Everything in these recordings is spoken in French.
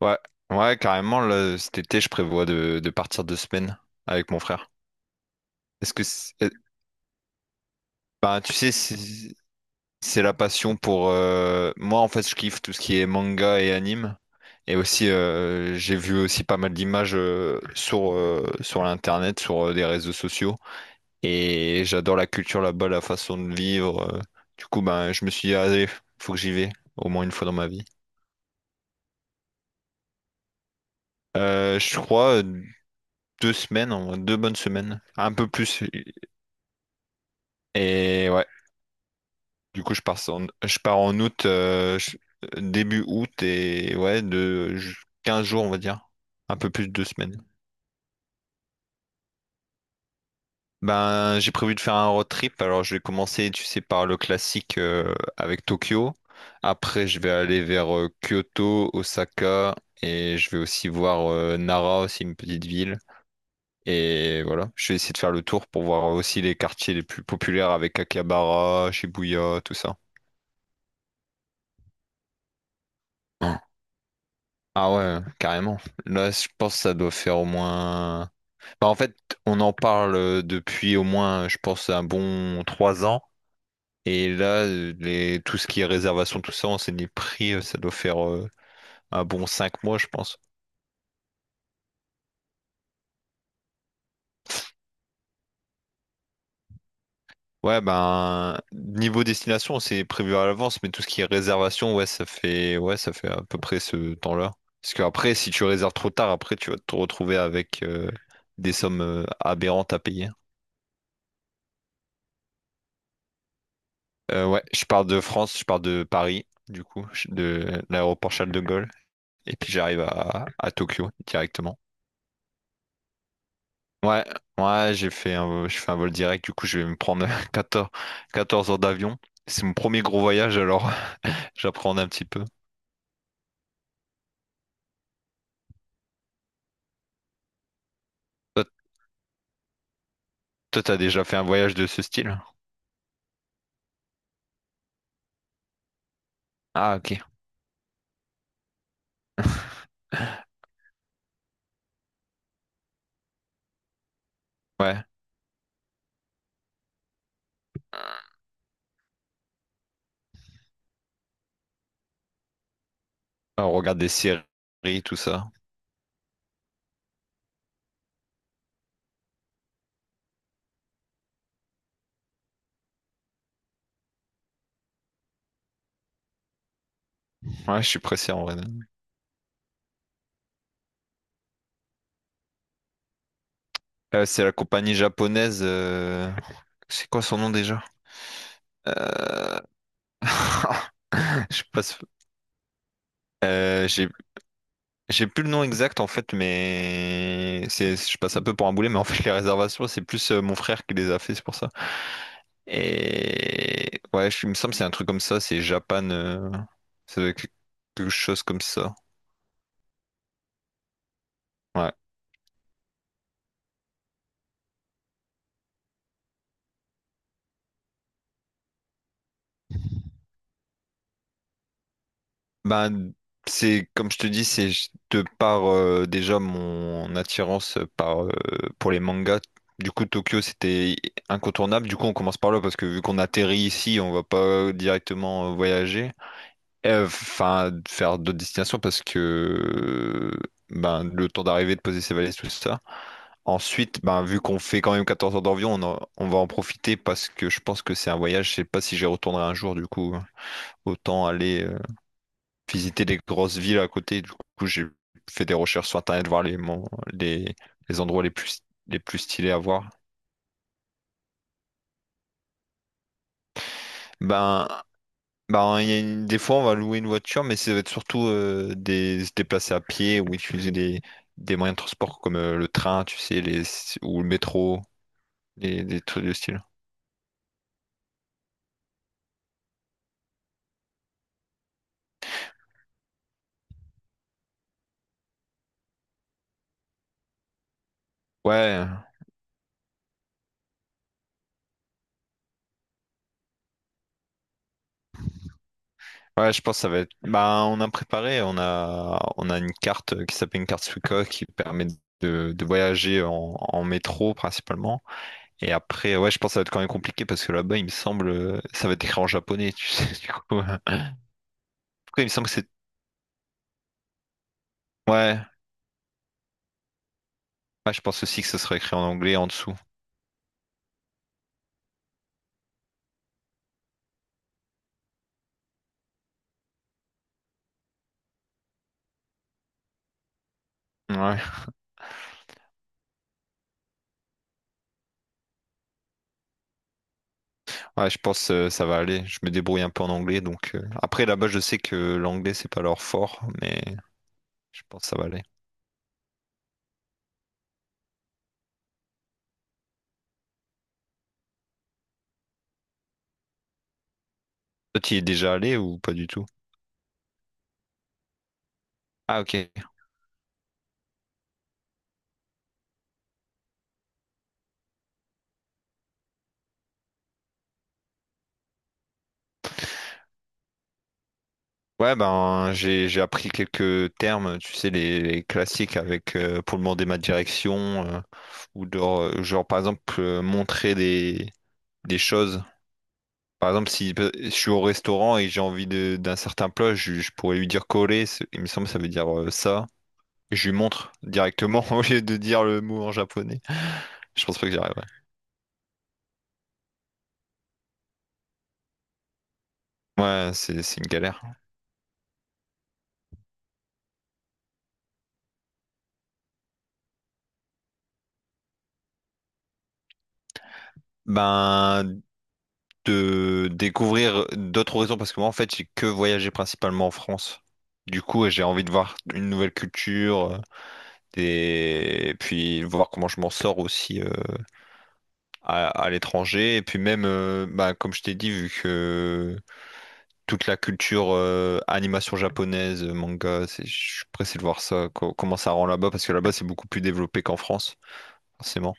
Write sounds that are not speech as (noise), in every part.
Ouais, ouais, carrément, là, cet été, je prévois de partir 2 semaines avec mon frère. Est-ce que, c'est- euh, Bah, tu sais, c'est la passion pour, moi, en fait, je kiffe tout ce qui est manga et anime. Et aussi, j'ai vu aussi pas mal d'images sur, sur l'internet, sur des réseaux sociaux. Et j'adore la culture là-bas, la façon de vivre. Du coup, ben, je me suis dit, allez, faut que j'y vais, au moins une fois dans ma vie. Je crois 2 semaines, 2 bonnes semaines, un peu plus. Et ouais, du coup, je pars en août, début août, et ouais, 15 jours, on va dire. Un peu plus de 2 semaines. Ben, j'ai prévu de faire un road trip. Alors, je vais commencer, tu sais, par le classique avec Tokyo. Après, je vais aller vers Kyoto, Osaka, et je vais aussi voir Nara, aussi une petite ville. Et voilà, je vais essayer de faire le tour pour voir aussi les quartiers les plus populaires avec Akihabara, Shibuya, tout ça. Ah ouais, carrément. Là, je pense que ça doit faire au moins... Bah, en fait, on en parle depuis au moins, je pense, un bon 3 ans. Et là, tout ce qui est réservation, tout ça, on s'est dit prix, ça doit faire un bon 5 mois, je pense. Ouais, ben, niveau destination, c'est prévu à l'avance, mais tout ce qui est réservation, ouais, ouais, ça fait à peu près ce temps-là. Parce qu'après, si tu réserves trop tard, après, tu vas te retrouver avec des sommes aberrantes à payer. Ouais, je pars de France, je pars de Paris, du coup, de l'aéroport Charles de Gaulle, et puis j'arrive à Tokyo directement. Ouais, ouais, je fais un vol direct, du coup, je vais me prendre (laughs) 14, 14 heures d'avion. C'est mon premier gros voyage, alors (laughs) j'apprends un petit peu. Toi, toi, t'as déjà fait un voyage de ce style? Ah, ok. Ouais, on regarde des séries, tout ça. Ouais, je suis pressé en vrai. C'est la compagnie japonaise. C'est quoi son nom déjà? Euh, (laughs) Je passe. Euh, j'ai J'ai plus le nom exact en fait, mais c'est, je passe un peu pour un boulet, mais en fait les réservations c'est plus mon frère qui les a fait, c'est pour ça. Et ouais, il me semble que c'est un truc comme ça, c'est Japan, ça doit être quelque chose comme ça. Ouais. Ben c'est comme je te dis, c'est de par déjà mon attirance par pour les mangas. Du coup Tokyo c'était incontournable. Du coup on commence par là parce que vu qu'on atterrit ici, on va pas directement voyager. Enfin, faire d'autres destinations parce que ben, le temps d'arriver, de poser ses valises, tout ça. Ensuite, ben, vu qu'on fait quand même 14 heures d'avion, on va en profiter parce que je pense que c'est un voyage. Je sais pas si j'y retournerai un jour, du coup. Autant aller visiter les grosses villes à côté. Du coup, j'ai fait des recherches sur Internet, voir les, les endroits les plus stylés à voir. Ben, Bah, il y a une- des fois, on va louer une voiture, mais ça va être surtout se déplacer à pied ou utiliser des moyens de transport comme le train, tu sais, ou le métro, des trucs de style. Ouais, ouais, je pense que ça va être. Bah, on a une carte qui s'appelle une carte Suica qui permet de voyager en métro principalement. Et après, ouais, je pense que ça va être quand même compliqué parce que là-bas, il me semble, ça va être écrit en japonais, tu sais, (laughs) du coup. Après, il me semble que c'est. Ouais, ouais, je pense aussi que ça sera écrit en anglais en dessous. Ouais, ouais, je pense que ça va aller. Je me débrouille un peu en anglais, donc après là-bas, je sais que l'anglais c'est pas leur fort, mais je pense que ça va aller. Toi, tu y es déjà allé ou pas du tout? Ah ok. Ouais, ben j'ai appris quelques termes, tu sais les classiques avec pour demander ma direction ou genre, genre, par exemple montrer des choses. Par exemple, si je suis au restaurant et j'ai envie d'un certain plat, je pourrais lui dire coller, il me semble que ça veut dire ça. Je lui montre directement (laughs) au lieu de dire le mot en japonais. Je pense pas que j'y arriverai. Ouais, c'est une galère. Ben, de découvrir d'autres horizons, parce que moi, en fait, j'ai que voyagé principalement en France. Du coup, j'ai envie de voir une nouvelle culture, et puis voir comment je m'en sors aussi à l'étranger. Et puis même, bah, comme je t'ai dit, vu que toute la culture animation japonaise, manga, je suis pressé de voir ça, comment ça rend là-bas, parce que là-bas, c'est beaucoup plus développé qu'en France. Forcément.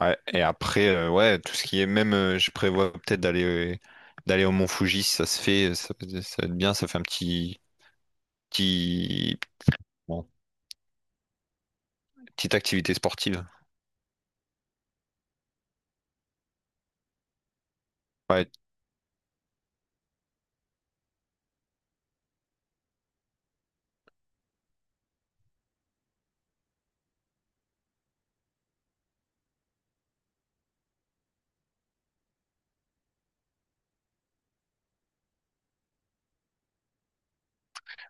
Ouais, et après, ouais, tout ce qui est même, je prévois peut-être d'aller d'aller au Mont Fuji, si ça se fait, ça, ça va être bien, ça fait un petit, bon, petite activité sportive. Ouais,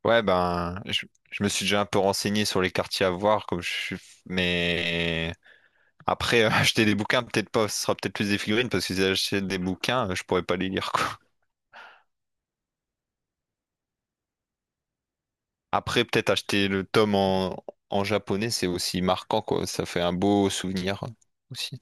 ouais, ben, je me suis déjà un peu renseigné sur les quartiers à voir, comme je suis, mais après, (laughs) acheter des bouquins, peut-être pas, ce sera peut-être plus des figurines, parce que si j'achète des bouquins, je pourrais pas les lire, quoi. Après, peut-être acheter le tome en japonais, c'est aussi marquant, quoi, ça fait un beau souvenir aussi.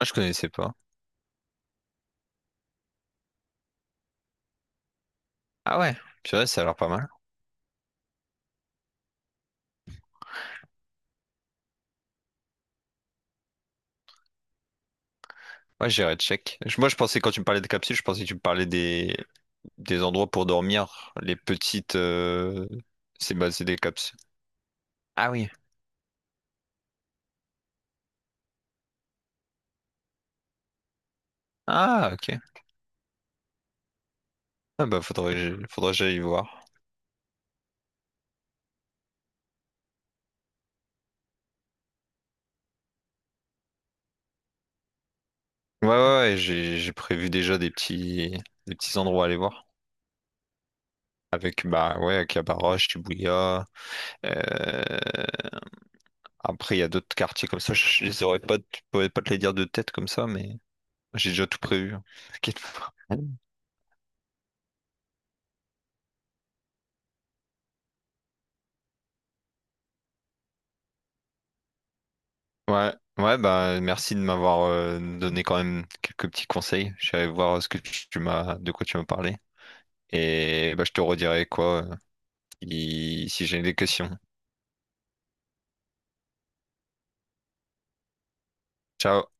Ah, je connaissais pas. Ah ouais, purée, ça a l'air pas mal. Ouais, j'irai check. Moi, je pensais, quand tu me parlais de capsules, je pensais que tu me parlais des endroits pour dormir, les petites... C'est bah, c'est des capsules. Ah oui. Ah, ok. Ah bah, faudrait que j'aille voir. Ouais, ouais, ouais, j'ai prévu déjà des petits endroits à aller voir. Avec, bah ouais, Cabarroche, Shibuya. euh, Après, il y a d'autres quartiers comme ça. Je les aurais pas, je pourrais pas te les dire de tête comme ça, mais j'ai déjà tout prévu. Hein. (laughs) T'inquiète pas. Ouais, ouais, bah merci de m'avoir donné quand même quelques petits conseils. Je suis allé voir ce que tu tu m'as, de quoi tu m'as parlé. Et bah je te redirai quoi si j'ai des questions. Ciao.